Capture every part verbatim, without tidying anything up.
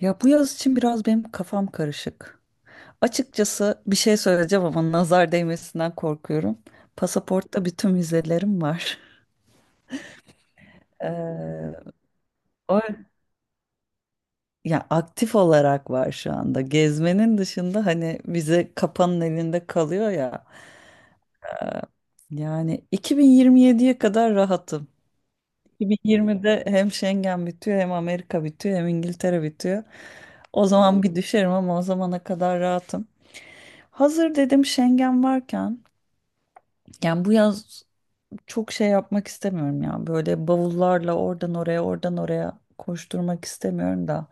Ya bu yaz için biraz benim kafam karışık. Açıkçası bir şey söyleyeceğim ama nazar değmesinden korkuyorum. Pasaportta bütün vizelerim var. Ee, o ya aktif olarak var şu anda. Gezmenin dışında hani vize kapanın elinde kalıyor ya. Ee, yani iki bin yirmi yediye kadar rahatım. iki bin yirmide hem Schengen bitiyor hem Amerika bitiyor hem İngiltere bitiyor. O zaman bir düşerim ama o zamana kadar rahatım. Hazır dedim Schengen varken, yani bu yaz çok şey yapmak istemiyorum ya. Böyle bavullarla oradan oraya oradan oraya koşturmak istemiyorum da.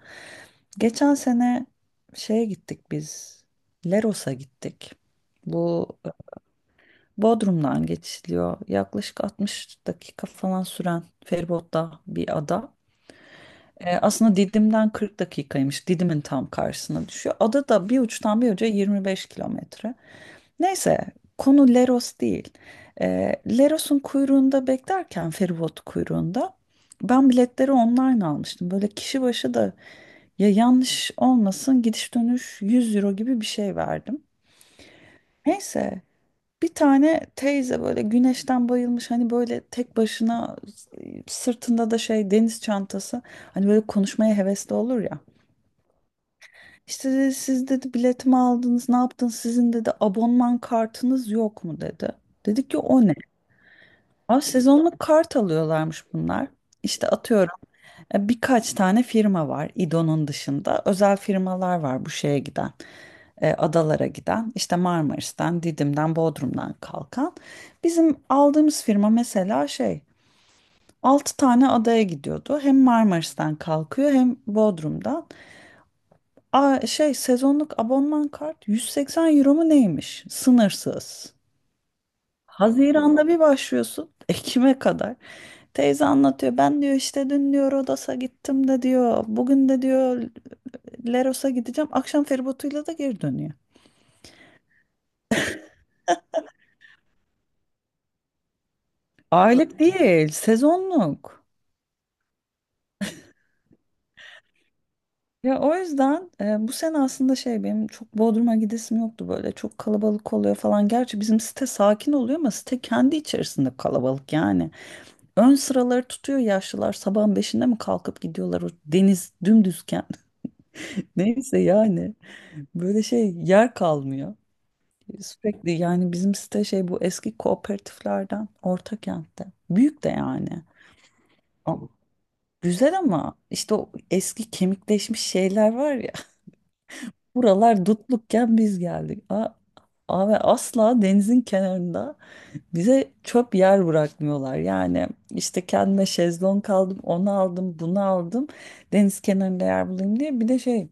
Geçen sene şeye gittik biz. Leros'a gittik. Bu Bodrum'dan geçiliyor. Yaklaşık altmış dakika falan süren feribotla bir ada. E, aslında Didim'den kırk dakikaymış. Didim'in tam karşısına düşüyor. Ada da bir uçtan bir uca yirmi beş kilometre. Neyse, konu Leros değil. E, Leros'un kuyruğunda beklerken, feribot kuyruğunda, ben biletleri online almıştım. Böyle kişi başı da, ya yanlış olmasın, gidiş dönüş yüz euro gibi bir şey verdim. Neyse, bir tane teyze böyle güneşten bayılmış, hani böyle tek başına, e, sırtında da şey deniz çantası, hani böyle konuşmaya hevesli olur ya. İşte dedi, siz dedi biletimi aldınız ne yaptınız, sizin dedi abonman kartınız yok mu dedi. Dedik ki, o ne? Aa, sezonluk kart alıyorlarmış bunlar. İşte atıyorum, e, birkaç tane firma var İDO'nun dışında. Özel firmalar var bu şeye giden. E, adalara giden, işte Marmaris'ten, Didim'den, Bodrum'dan kalkan. Bizim aldığımız firma mesela şey, altı tane adaya gidiyordu. Hem Marmaris'ten kalkıyor hem Bodrum'dan. Aa, şey, sezonluk abonman kart yüz seksen euro mu neymiş? Sınırsız. Haziran'da bir başlıyorsun. Ekim'e kadar. Teyze anlatıyor. Ben diyor, işte dün diyor Rodos'a gittim de diyor. Bugün de diyor Leros'a gideceğim. Akşam feribotuyla da geri dönüyor. Aylık değil, sezonluk. Ya o yüzden, e, bu sene aslında şey, benim çok Bodrum'a gidesim yoktu, böyle çok kalabalık oluyor falan. Gerçi bizim site sakin oluyor ama site kendi içerisinde kalabalık yani. Ön sıraları tutuyor yaşlılar, sabahın beşinde mi kalkıp gidiyorlar o deniz dümdüzken. Neyse, yani böyle şey, yer kalmıyor. Sürekli, yani bizim site şey, bu eski kooperatiflerden Ortakent'te. Büyük de yani. Ama- Güzel ama işte o eski kemikleşmiş şeyler var ya. Buralar dutlukken biz geldik. A- Abi asla denizin kenarında, bize çöp yer bırakmıyorlar. Yani işte kendime şezlong aldım, onu aldım, bunu aldım. Deniz kenarında yer bulayım diye. Bir de şey,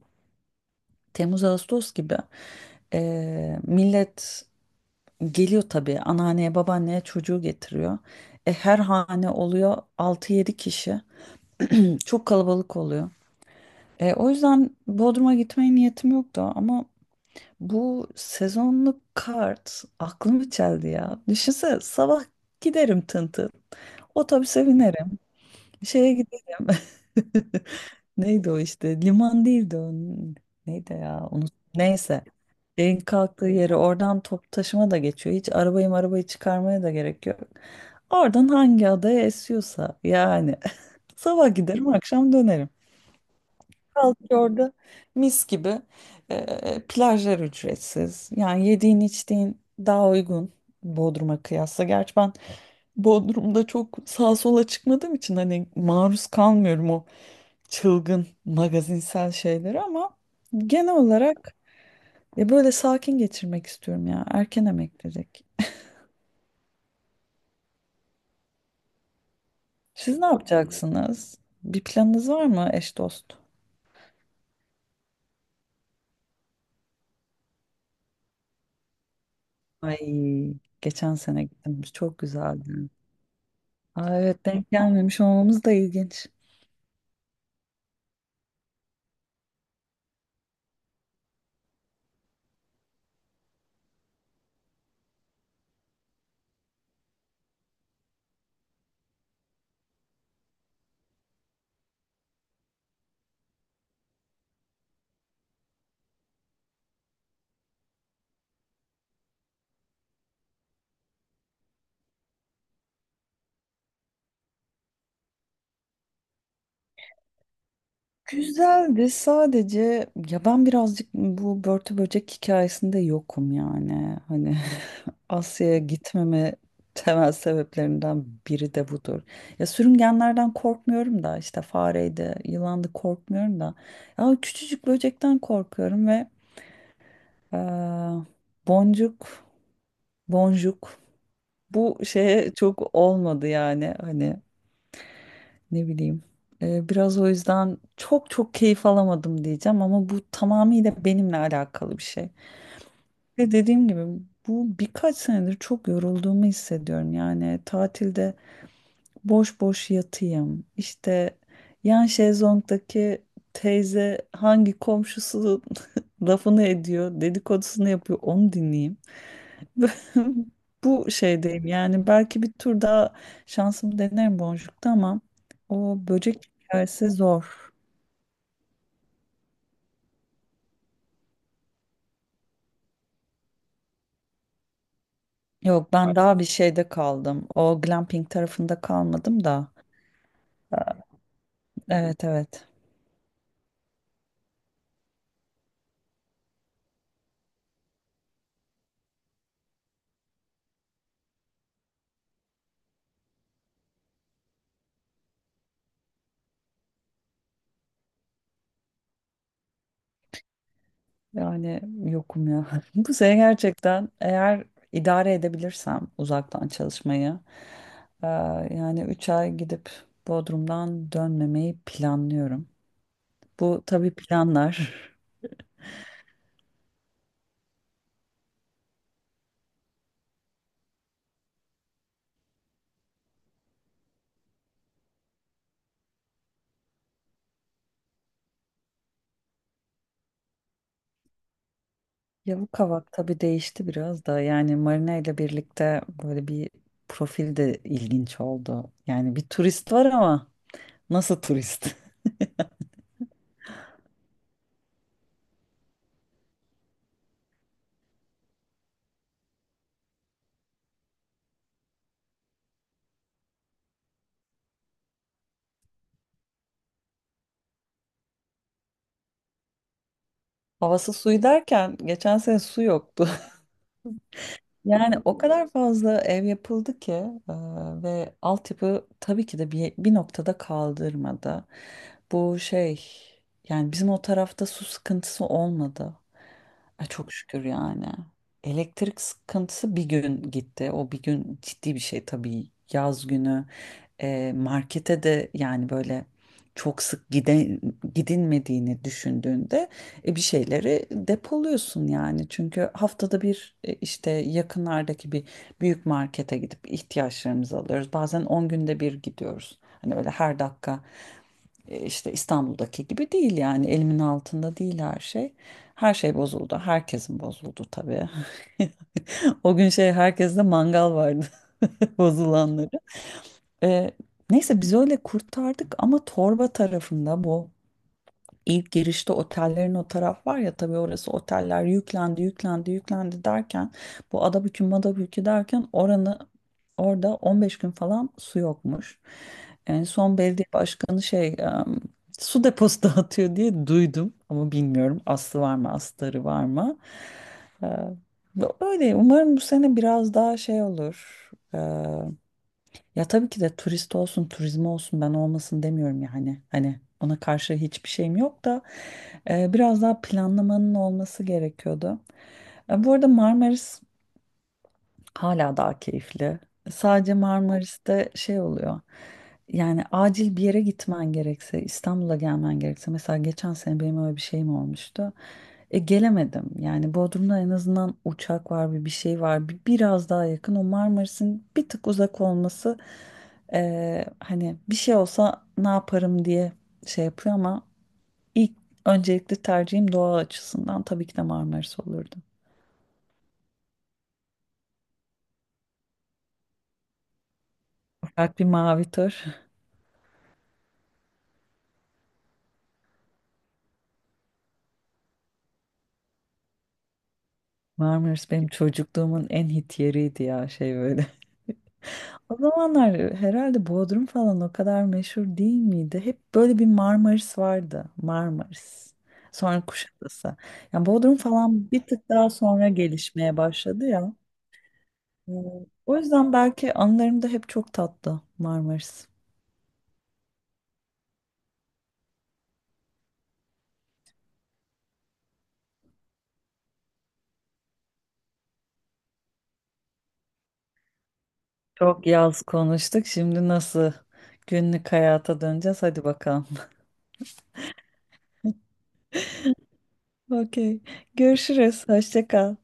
Temmuz Ağustos gibi eee, millet geliyor tabii, anneanneye babaanneye çocuğu getiriyor. E, her hane oluyor altı yedi kişi. Çok kalabalık oluyor. E, o yüzden Bodrum'a gitmeye niyetim yoktu ama bu sezonluk kart aklımı çeldi ya. Düşünsene, sabah giderim tın tın. Otobüse binerim. Şeye giderim. Neydi o işte? Liman değildi o. Neydi ya? Onu... Neyse. Şeyin kalktığı yeri, oradan top taşıma da geçiyor. Hiç arabayı arabayı çıkarmaya da gerek yok. Oradan hangi adaya esiyorsa yani. Sabah giderim akşam dönerim, kaldık orada, mis gibi. Ee, plajlar ücretsiz. Yani yediğin içtiğin daha uygun Bodrum'a kıyasla. Gerçi ben Bodrum'da çok sağa sola çıkmadığım için hani maruz kalmıyorum o çılgın magazinsel şeylere ama genel olarak ya böyle sakin geçirmek istiyorum ya. Erken emeklilik. Siz ne yapacaksınız? Bir planınız var mı, eş dost? Ay, geçen sene gittiniz, çok güzeldi. Aa, evet, denk gelmemiş olmamız da ilginç. Güzeldi sadece, ya ben birazcık bu börtü böcek hikayesinde yokum yani. Hani Asya'ya gitmeme temel sebeplerinden biri de budur. Ya sürüngenlerden korkmuyorum da, işte fareydi, yılandı, korkmuyorum da. Ya küçücük böcekten korkuyorum ve eee, boncuk, boncuk bu şeye çok olmadı yani, hani ne bileyim. Ee, biraz o yüzden çok çok keyif alamadım diyeceğim ama bu tamamıyla benimle alakalı bir şey. Ve dediğim gibi, bu birkaç senedir çok yorulduğumu hissediyorum. Yani tatilde boş boş yatayım. İşte yan şezlongdaki teyze hangi komşusu lafını ediyor, dedikodusunu yapıyor, onu dinleyeyim. Bu şeydeyim yani, belki bir tur daha şansımı denerim boncukta ama o böcek hikayesi zor. Yok, ben daha bir şeyde kaldım. O glamping tarafında kalmadım da. Evet evet. Yani yokum ya. Bu sene gerçekten eğer idare edebilirsem uzaktan çalışmayı, eee, yani üç ay gidip Bodrum'dan dönmemeyi planlıyorum. Bu tabii planlar. Yavuk Kavak tabii değişti biraz da. Yani Marina ile birlikte böyle bir profil de ilginç oldu. Yani bir turist var ama nasıl turist? Havası suyu derken geçen sene su yoktu. Yani o kadar fazla ev yapıldı ki, e, ve altyapı tabii ki de bir, bir noktada kaldırmadı. Bu şey, yani bizim o tarafta su sıkıntısı olmadı. Ay, çok şükür yani. Elektrik sıkıntısı, bir gün gitti. O bir gün ciddi bir şey tabii. Yaz günü e, markete de yani böyle çok sık gide, gidilmediğini düşündüğünde, e, bir şeyleri depoluyorsun yani. Çünkü haftada bir e, işte yakınlardaki bir büyük markete gidip ihtiyaçlarımızı alıyoruz. Bazen on günde bir gidiyoruz. Hani öyle her dakika e, işte İstanbul'daki gibi değil, yani elimin altında değil her şey. Her şey bozuldu. Herkesin bozuldu tabii. O gün şey, herkeste mangal vardı, bozulanları. E, Neyse biz öyle kurtardık ama torba tarafında, bu ilk girişte otellerin o taraf var ya, tabii orası oteller yüklendi yüklendi yüklendi derken, bu Adabükü Madabükü derken, oranı, orada on beş gün falan su yokmuş. En son belediye başkanı şey, em, su deposu dağıtıyor diye duydum ama bilmiyorum aslı var mı astarı var mı. Ee, Öyle umarım bu sene biraz daha şey olur. Ya tabii ki de turist olsun, turizm olsun, ben olmasın demiyorum yani. Hani ona karşı hiçbir şeyim yok da, e, biraz daha planlamanın olması gerekiyordu. E, bu arada Marmaris hala daha keyifli. Sadece Marmaris'te şey oluyor. Yani acil bir yere gitmen gerekse, İstanbul'a gelmen gerekse. Mesela geçen sene benim öyle bir şeyim olmuştu. E, gelemedim. Yani Bodrum'da en azından uçak var, bir bir şey var. Bir, biraz daha yakın. O Marmaris'in bir tık uzak olması, e, hani bir şey olsa ne yaparım diye şey yapıyor ama ilk, öncelikli tercihim doğa açısından tabii ki de Marmaris olurdu. Ufak bir mavi tur. Marmaris benim çocukluğumun en hit yeriydi ya, şey böyle. O zamanlar herhalde Bodrum falan o kadar meşhur değil miydi? Hep böyle bir Marmaris vardı. Marmaris. Sonra Kuşadası. Yani Bodrum falan bir tık daha sonra gelişmeye başladı ya. Ee, O yüzden belki anılarımda hep çok tatlı Marmaris. Çok yaz konuştuk. Şimdi nasıl günlük hayata döneceğiz? Hadi bakalım. Okey. Görüşürüz. Hoşça kal.